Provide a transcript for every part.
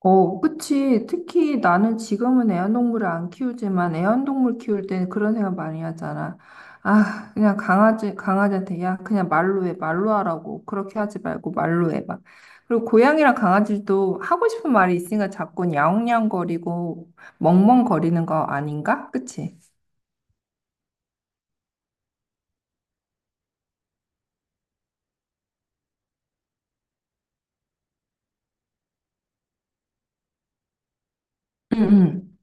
어, 그치. 특히 나는 지금은 애완동물을 안 키우지만 애완동물 키울 때는 그런 생각 많이 하잖아. 아, 그냥 강아지, 강아지한테, 야, 그냥 말로 해, 말로 하라고. 그렇게 하지 말고 말로 해, 봐. 그리고 고양이랑 강아지도 하고 싶은 말이 있으니까 자꾸 야옹야옹거리고 멍멍거리는 거 아닌가? 그치? 응, 응.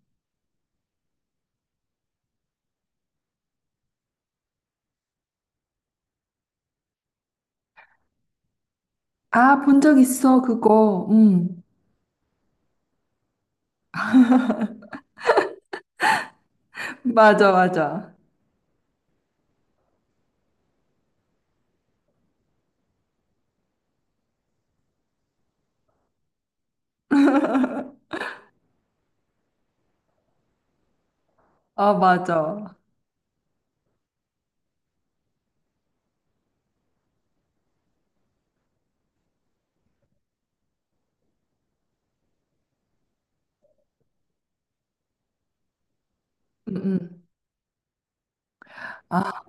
아, 본 적 있어, 그거. 응. 맞아, 맞아. 아, 맞아. 응, 응. 아,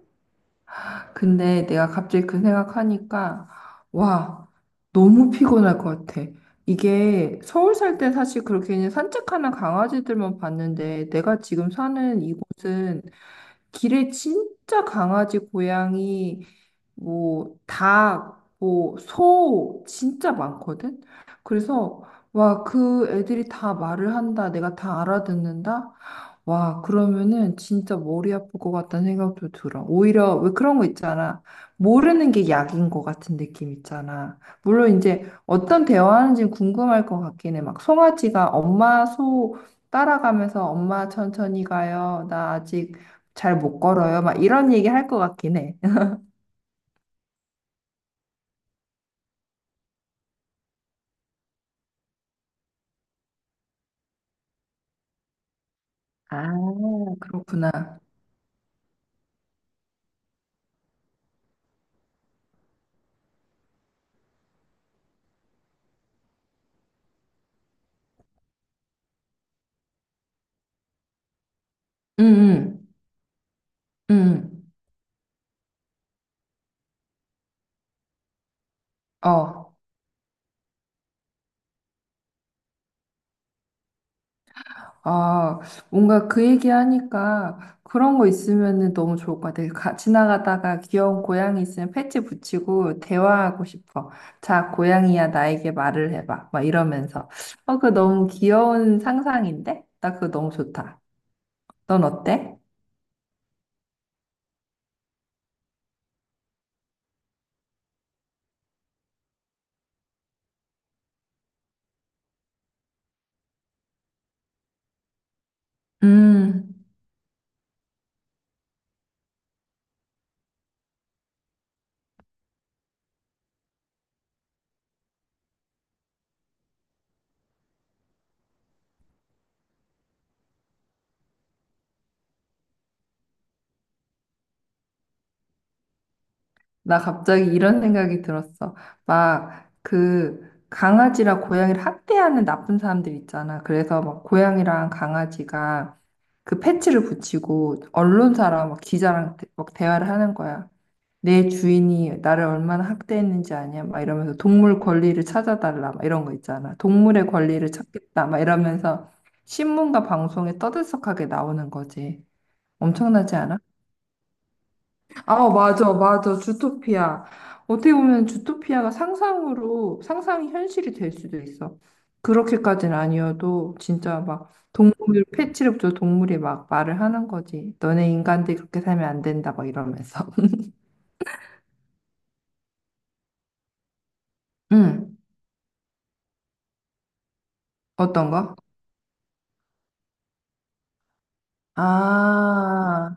근데 내가 갑자기 그 생각하니까, 와, 너무 피곤할 것 같아. 이게 서울 살 때 사실 그렇게 그냥 산책하는 강아지들만 봤는데, 내가 지금 사는 이곳은 길에 진짜 강아지, 고양이, 뭐, 닭, 뭐, 소 진짜 많거든? 그래서, 와, 그 애들이 다 말을 한다. 내가 다 알아듣는다. 와, 그러면은 진짜 머리 아플 것 같다는 생각도 들어. 오히려 왜 그런 거 있잖아. 모르는 게 약인 것 같은 느낌 있잖아. 물론 이제 어떤 대화하는지 궁금할 것 같긴 해. 막 송아지가 엄마 소 따라가면서 엄마 천천히 가요. 나 아직 잘 못 걸어요. 막 이런 얘기 할 것 같긴 해. 아, 그렇구나. 응, 응, 응. 어. 아, 뭔가 그 얘기하니까 그런 거 있으면 너무 좋을 것 같아. 가, 지나가다가 귀여운 고양이 있으면 패치 붙이고 대화하고 싶어. 자, 고양이야, 나에게 말을 해봐. 막 이러면서. 어, 그거 너무 귀여운 상상인데? 나 그거 너무 좋다. 넌 어때? 음. 나 갑자기 이런 생각이 들었어. 막 그 강아지랑 고양이를 학대하는 나쁜 사람들 있잖아. 그래서 막 고양이랑 강아지가 그 패치를 붙이고 언론사랑 막 기자랑 막 대화를 하는 거야. 내 주인이 나를 얼마나 학대했는지 아냐? 막 이러면서 동물 권리를 찾아달라. 막 이런 거 있잖아. 동물의 권리를 찾겠다. 막 이러면서 신문과 방송에 떠들썩하게 나오는 거지. 엄청나지 않아? 아, 맞아, 맞아. 주토피아. 어떻게 보면 주토피아가 상상으로, 상상이 현실이 될 수도 있어. 그렇게까지는 아니어도, 진짜 막, 동물, 패치력조 동물이 막 말을 하는 거지. 너네 인간들 그렇게 살면 안 된다, 막 이러면서. 응, 어떤 거? 아,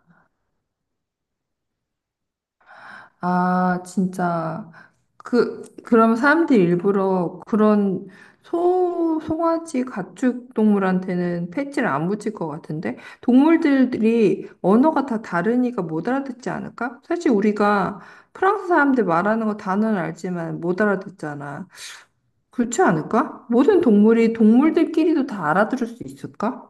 아, 진짜. 그, 그럼 사람들이 일부러 그런 소, 송아지 가축 동물한테는 패치를 안 붙일 것 같은데? 동물들이 언어가 다 다르니까 못 알아듣지 않을까? 사실 우리가 프랑스 사람들 말하는 거 단어는 알지만 못 알아듣잖아. 그렇지 않을까? 모든 동물이 동물들끼리도 다 알아들을 수 있을까?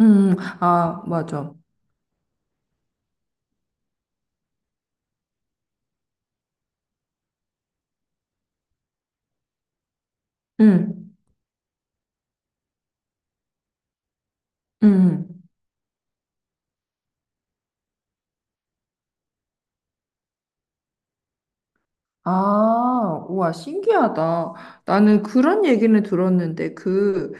아, 맞아. 음, 음. 음. 아, 우와, 신기하다. 나는 그런 얘기는 들었는데, 그,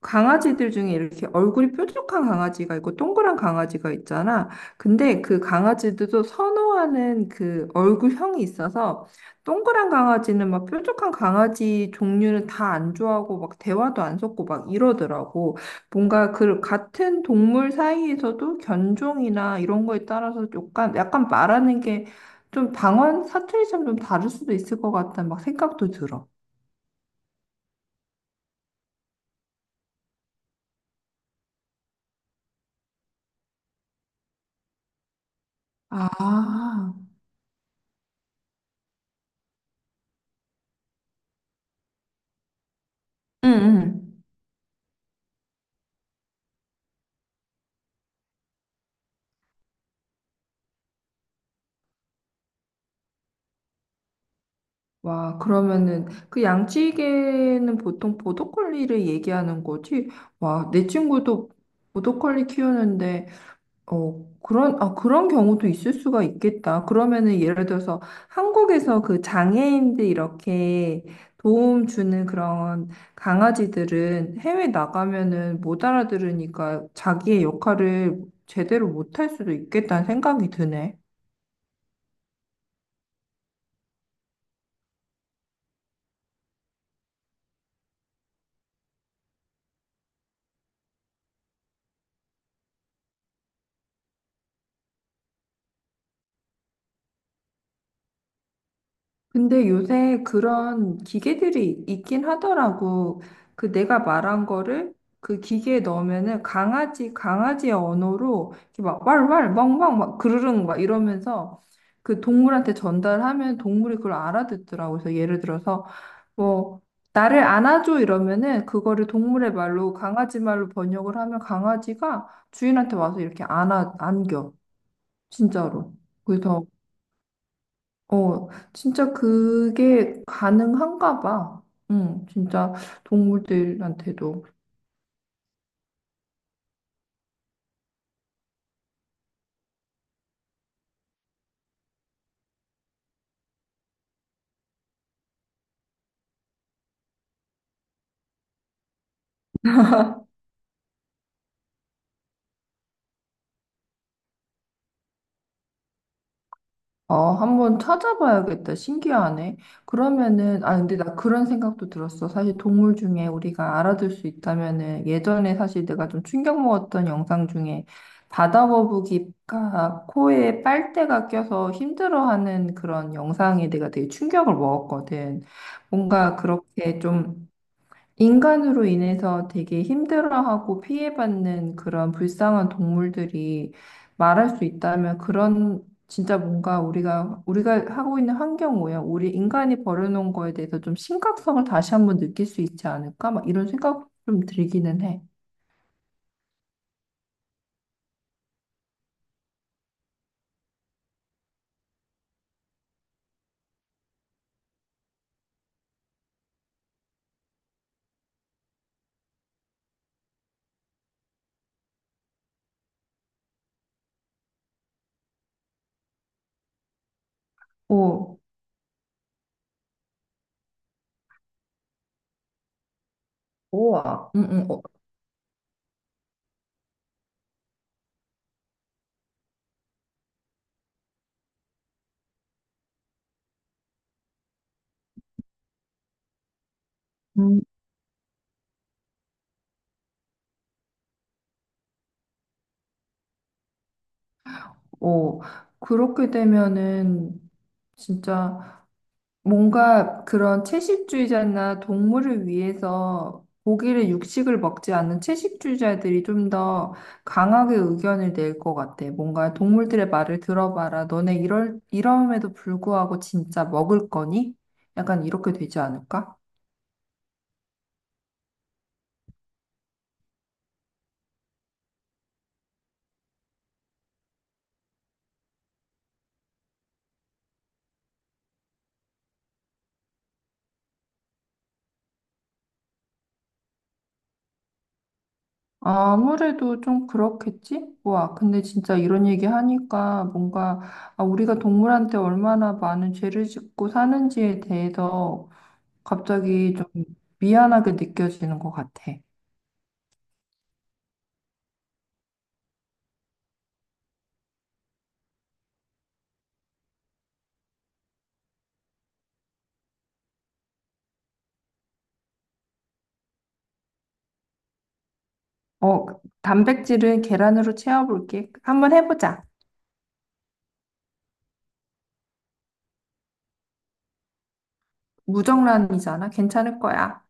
강아지들 중에 이렇게 얼굴이 뾰족한 강아지가 있고 동그란 강아지가 있잖아. 근데 그 강아지들도 선호하는 그 얼굴형이 있어서 동그란 강아지는 막 뾰족한 강아지 종류는 다 안 좋아하고 막 대화도 안 섞고 막 이러더라고. 뭔가 그 같은 동물 사이에서도 견종이나 이런 거에 따라서 약간 약간 말하는 게 좀 방언 사투리처럼 좀 다를 수도 있을 것 같다는 막 생각도 들어. 아, 응, 응. 와, 그러면은 그 양치기는 보통 보더콜리를 얘기하는 거지? 와, 내 친구도 보더콜리 키우는데 어, 그런 아, 그런 경우도 있을 수가 있겠다. 그러면은 예를 들어서 한국에서 그 장애인들 이렇게 도움 주는 그런 강아지들은 해외 나가면은 못 알아들으니까 자기의 역할을 제대로 못할 수도 있겠다는 생각이 드네. 근데 요새 그런 기계들이 있긴 하더라고. 그 내가 말한 거를 그 기계에 넣으면은 강아지, 강아지의 언어로 이렇게 막 왈왈, 멍멍, 막 그르릉 막 이러면서 그 동물한테 전달하면 동물이 그걸 알아듣더라고. 그래서 예를 들어서 뭐 나를 안아줘 이러면은 그거를 동물의 말로 강아지 말로 번역을 하면 강아지가 주인한테 와서 이렇게 안아, 안겨. 진짜로. 그래서 어, 진짜 그게 가능한가 봐. 응, 진짜 동물들한테도. 어, 한번 찾아봐야겠다. 신기하네. 그러면은, 아, 근데 나 그런 생각도 들었어. 사실 동물 중에 우리가 알아둘 수 있다면은, 예전에 사실 내가 좀 충격 먹었던 영상 중에 바다 거북이가 코에 빨대가 껴서 힘들어하는 그런 영상에 내가 되게 충격을 먹었거든. 뭔가 그렇게 좀 인간으로 인해서 되게 힘들어하고 피해받는 그런 불쌍한 동물들이 말할 수 있다면 그런 진짜 뭔가 우리가 하고 있는 환경 오염, 우리 인간이 벌여놓은 거에 대해서 좀 심각성을 다시 한번 느낄 수 있지 않을까? 막 이런 생각 좀 들기는 해. 오, 우와. 어, 음. 오. 그렇게 되면은 진짜 뭔가 그런 채식주의자나 동물을 위해서 고기를 육식을 먹지 않는 채식주의자들이 좀 더 강하게 의견을 낼 것 같아. 뭔가 동물들의 말을 들어봐라. 너네 이러함에도 불구하고 진짜 먹을 거니? 약간 이렇게 되지 않을까? 아무래도 좀 그렇겠지? 와, 근데 진짜 이런 얘기 하니까 뭔가 아, 우리가 동물한테 얼마나 많은 죄를 짓고 사는지에 대해서 갑자기 좀 미안하게 느껴지는 것 같아. 어, 단백질은 계란으로 채워볼게. 한번 해보자. 무정란이잖아. 괜찮을 거야.